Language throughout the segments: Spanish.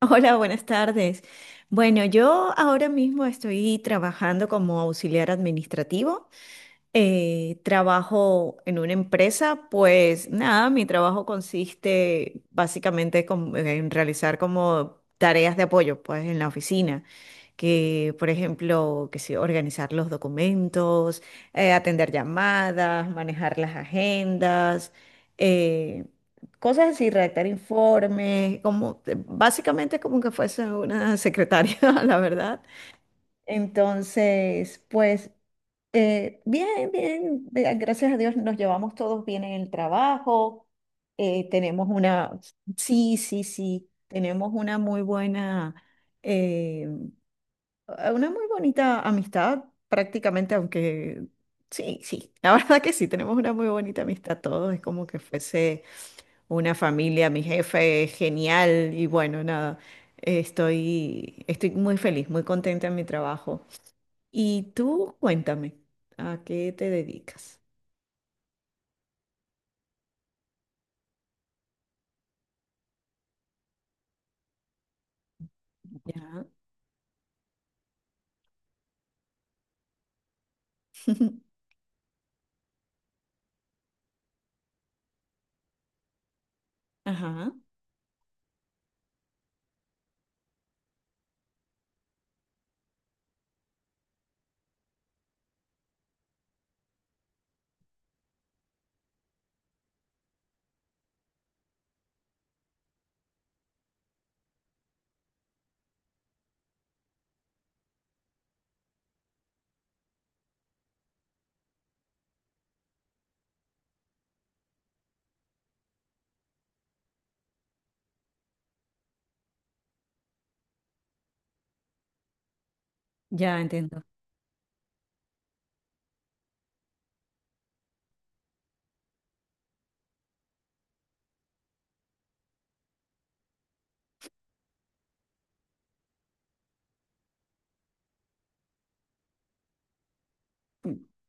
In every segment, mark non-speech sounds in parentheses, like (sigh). Hola, buenas tardes. Bueno, yo ahora mismo estoy trabajando como auxiliar administrativo, trabajo en una empresa, pues nada, mi trabajo consiste básicamente en realizar como tareas de apoyo, pues en la oficina, que por ejemplo, que sí, organizar los documentos, atender llamadas, manejar las agendas, eh, cosas así, redactar informes, como básicamente como que fuese una secretaria, (laughs) la verdad. Entonces, pues. Bien, bien, gracias a Dios nos llevamos todos bien en el trabajo. Tenemos una, sí, sí, sí, tenemos una muy buena, eh, una muy bonita amistad prácticamente, aunque sí, sí, la (laughs) verdad que sí, tenemos una muy bonita amistad todos, es como que fuese una familia, mi jefe es genial y bueno, nada, estoy muy feliz, muy contenta en mi trabajo. Y tú, cuéntame, ¿a qué te dedicas? Ya. (laughs) Ajá. Ya entiendo.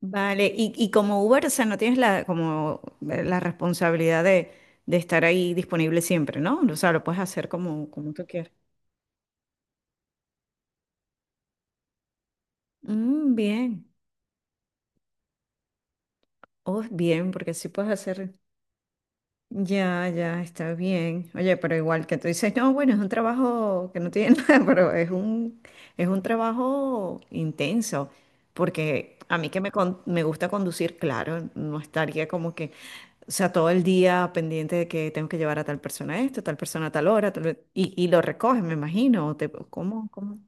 Vale, y como Uber, o sea, no tienes la, como la responsabilidad de estar ahí disponible siempre, ¿no? O sea, lo puedes hacer como, como tú quieras. Mm, bien. Oh, bien, porque así puedes hacer. Ya, ya, está bien. Oye, pero igual que tú dices, no, bueno, es un trabajo que no tiene (laughs) nada, pero es un trabajo intenso, porque a mí que me, me gusta conducir, claro, no estaría como que, o sea, todo el día pendiente de que tengo que llevar a tal persona esto, tal persona a tal hora, tal- y lo recoges, me imagino. O te, ¿cómo, cómo?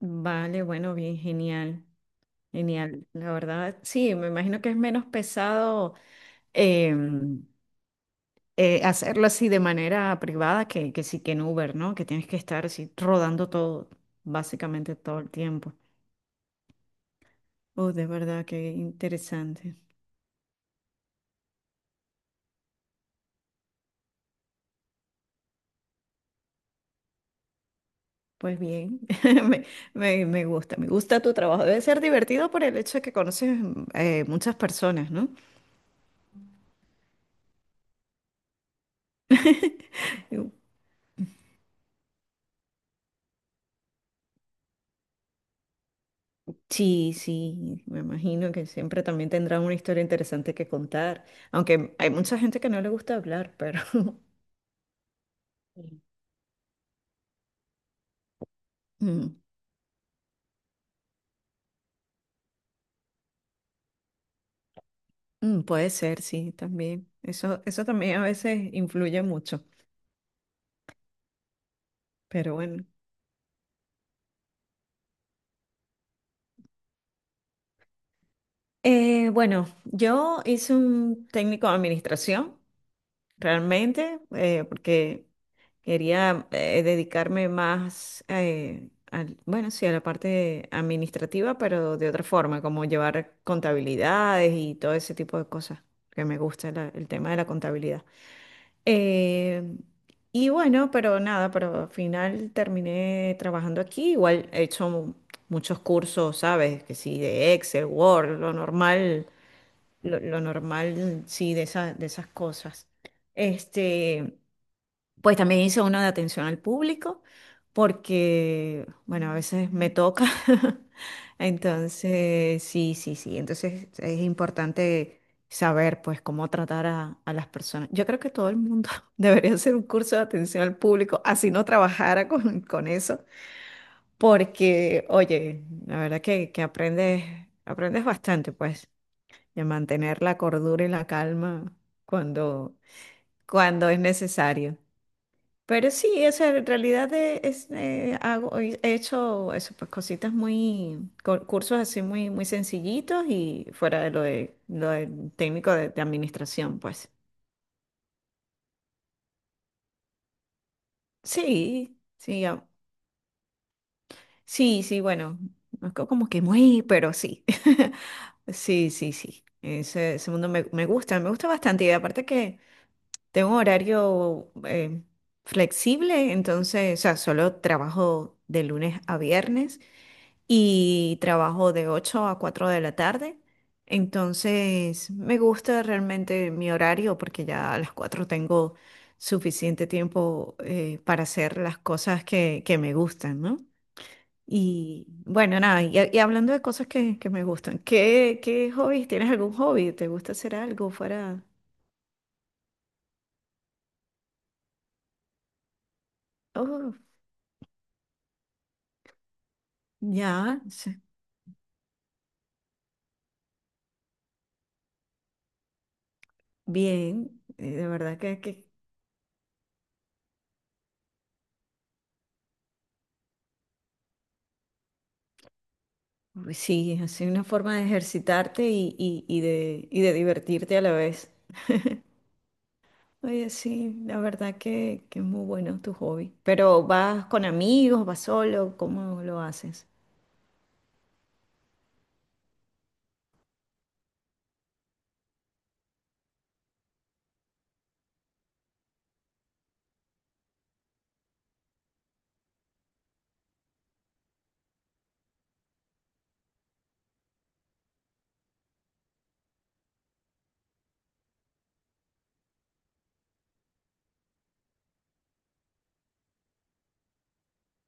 Vale, bueno, bien, genial, genial. La verdad, sí, me imagino que es menos pesado. em, hacerlo así de manera privada que sí que en Uber, ¿no? Que tienes que estar así rodando todo, básicamente todo el tiempo. Oh, de verdad, qué interesante. Pues bien, (laughs) me, me gusta tu trabajo. Debe ser divertido por el hecho de que conoces muchas personas, ¿no? (laughs) Sí, sí, me imagino que siempre también tendrán una historia interesante que contar, aunque hay mucha gente que no le gusta hablar, pero... (laughs) Mm. Mm, puede ser, sí, también. Eso también a veces influye mucho, pero bueno. Bueno, yo hice un técnico de administración, realmente, porque quería dedicarme más, al, bueno, sí, a la parte administrativa, pero de otra forma, como llevar contabilidades y todo ese tipo de cosas, que me gusta el tema de la contabilidad. Eh, y bueno, pero nada, pero al final terminé trabajando aquí. Igual he hecho muchos cursos, ¿sabes? Que sí, de Excel, Word, lo normal, sí, de de esas cosas. Este, pues también hice uno de atención al público, porque, bueno, a veces me toca. (laughs) Entonces, sí, sí, sí. Entonces es importante saber, pues, cómo tratar a las personas. Yo creo que todo el mundo (laughs) debería hacer un curso de atención al público, así no trabajara con eso, porque, oye, la verdad que aprendes, aprendes bastante, pues, de mantener la cordura y la calma cuando, cuando es necesario. Pero sí, esa en realidad es, hago, he hecho eso, pues cositas muy, cursos así muy, muy sencillitos y fuera de, lo del técnico de administración, pues. Sí, sí, ah, sí, sí, bueno, no es como que muy, pero sí. (laughs) Sí, sí, sí. Ese mundo me, me gusta bastante. Y aparte que tengo un horario flexible, entonces, o sea, solo trabajo de lunes a viernes. Y trabajo de 8 a 4 de la tarde. Entonces, me gusta realmente mi horario porque ya a las 4 tengo suficiente tiempo para hacer las cosas que me gustan, ¿no? Y bueno, nada, y hablando de cosas que me gustan, ¿qué, qué hobbies? ¿Tienes algún hobby? ¿Te gusta hacer algo fuera? Oh, ya, sí, bien, de verdad que uy, sí, es así una forma de ejercitarte y de, y de divertirte a la vez. Oye, sí, la verdad que es muy bueno tu hobby. Pero ¿vas con amigos, vas solo? ¿Cómo lo haces?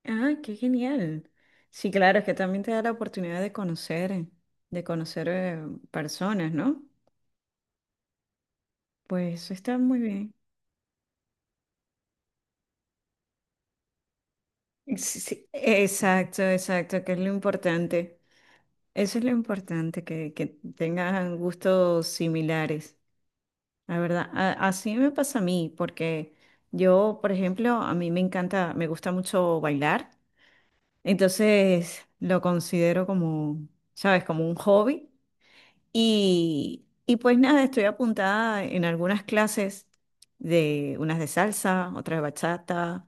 Ah, qué genial. Sí, claro, es que también te da la oportunidad de conocer personas, ¿no? Pues eso está muy bien. Sí, sí, exacto, exacto, que es lo importante. Eso es lo importante, que tengan gustos similares. La verdad, así me pasa a mí, porque yo, por ejemplo, a mí me encanta, me gusta mucho bailar, entonces lo considero como, ¿sabes? Como un hobby. Y pues nada, estoy apuntada en algunas clases de unas de salsa, otras de bachata.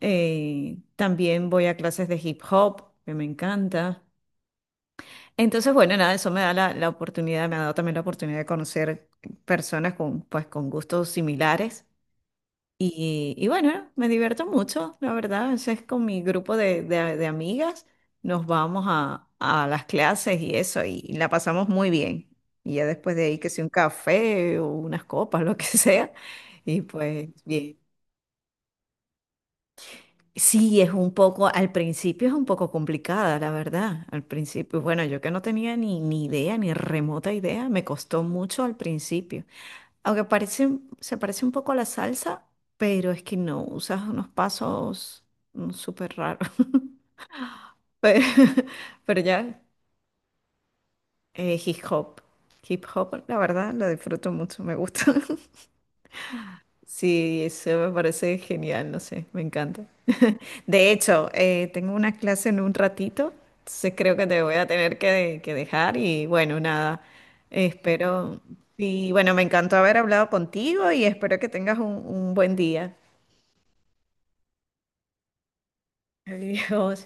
También voy a clases de hip hop, que me encanta. Entonces, bueno, nada, eso me da la, la oportunidad, me ha dado también la oportunidad de conocer personas con, pues, con gustos similares. Y bueno, me divierto mucho, la verdad. A veces con mi grupo de, de amigas nos vamos a las clases y eso, y la pasamos muy bien. Y ya después de ahí, que sea un café o unas copas, (laughs) lo que sea, y pues bien. Sí, es un poco, al principio es un poco complicada, la verdad. Al principio, bueno, yo que no tenía ni, ni idea, ni remota idea, me costó mucho al principio. Aunque parece, se parece un poco a la salsa, pero es que no, usas unos pasos súper raros. (laughs) Pero, (laughs) pero ya, hip hop. Hip hop, la verdad, lo disfruto mucho, me gusta. (laughs) Sí, eso me parece genial, no sé, me encanta. (laughs) De hecho, tengo una clase en un ratito, entonces creo que te voy a tener que dejar y bueno, nada, espero. Y bueno, me encantó haber hablado contigo y espero que tengas un buen día. Ay,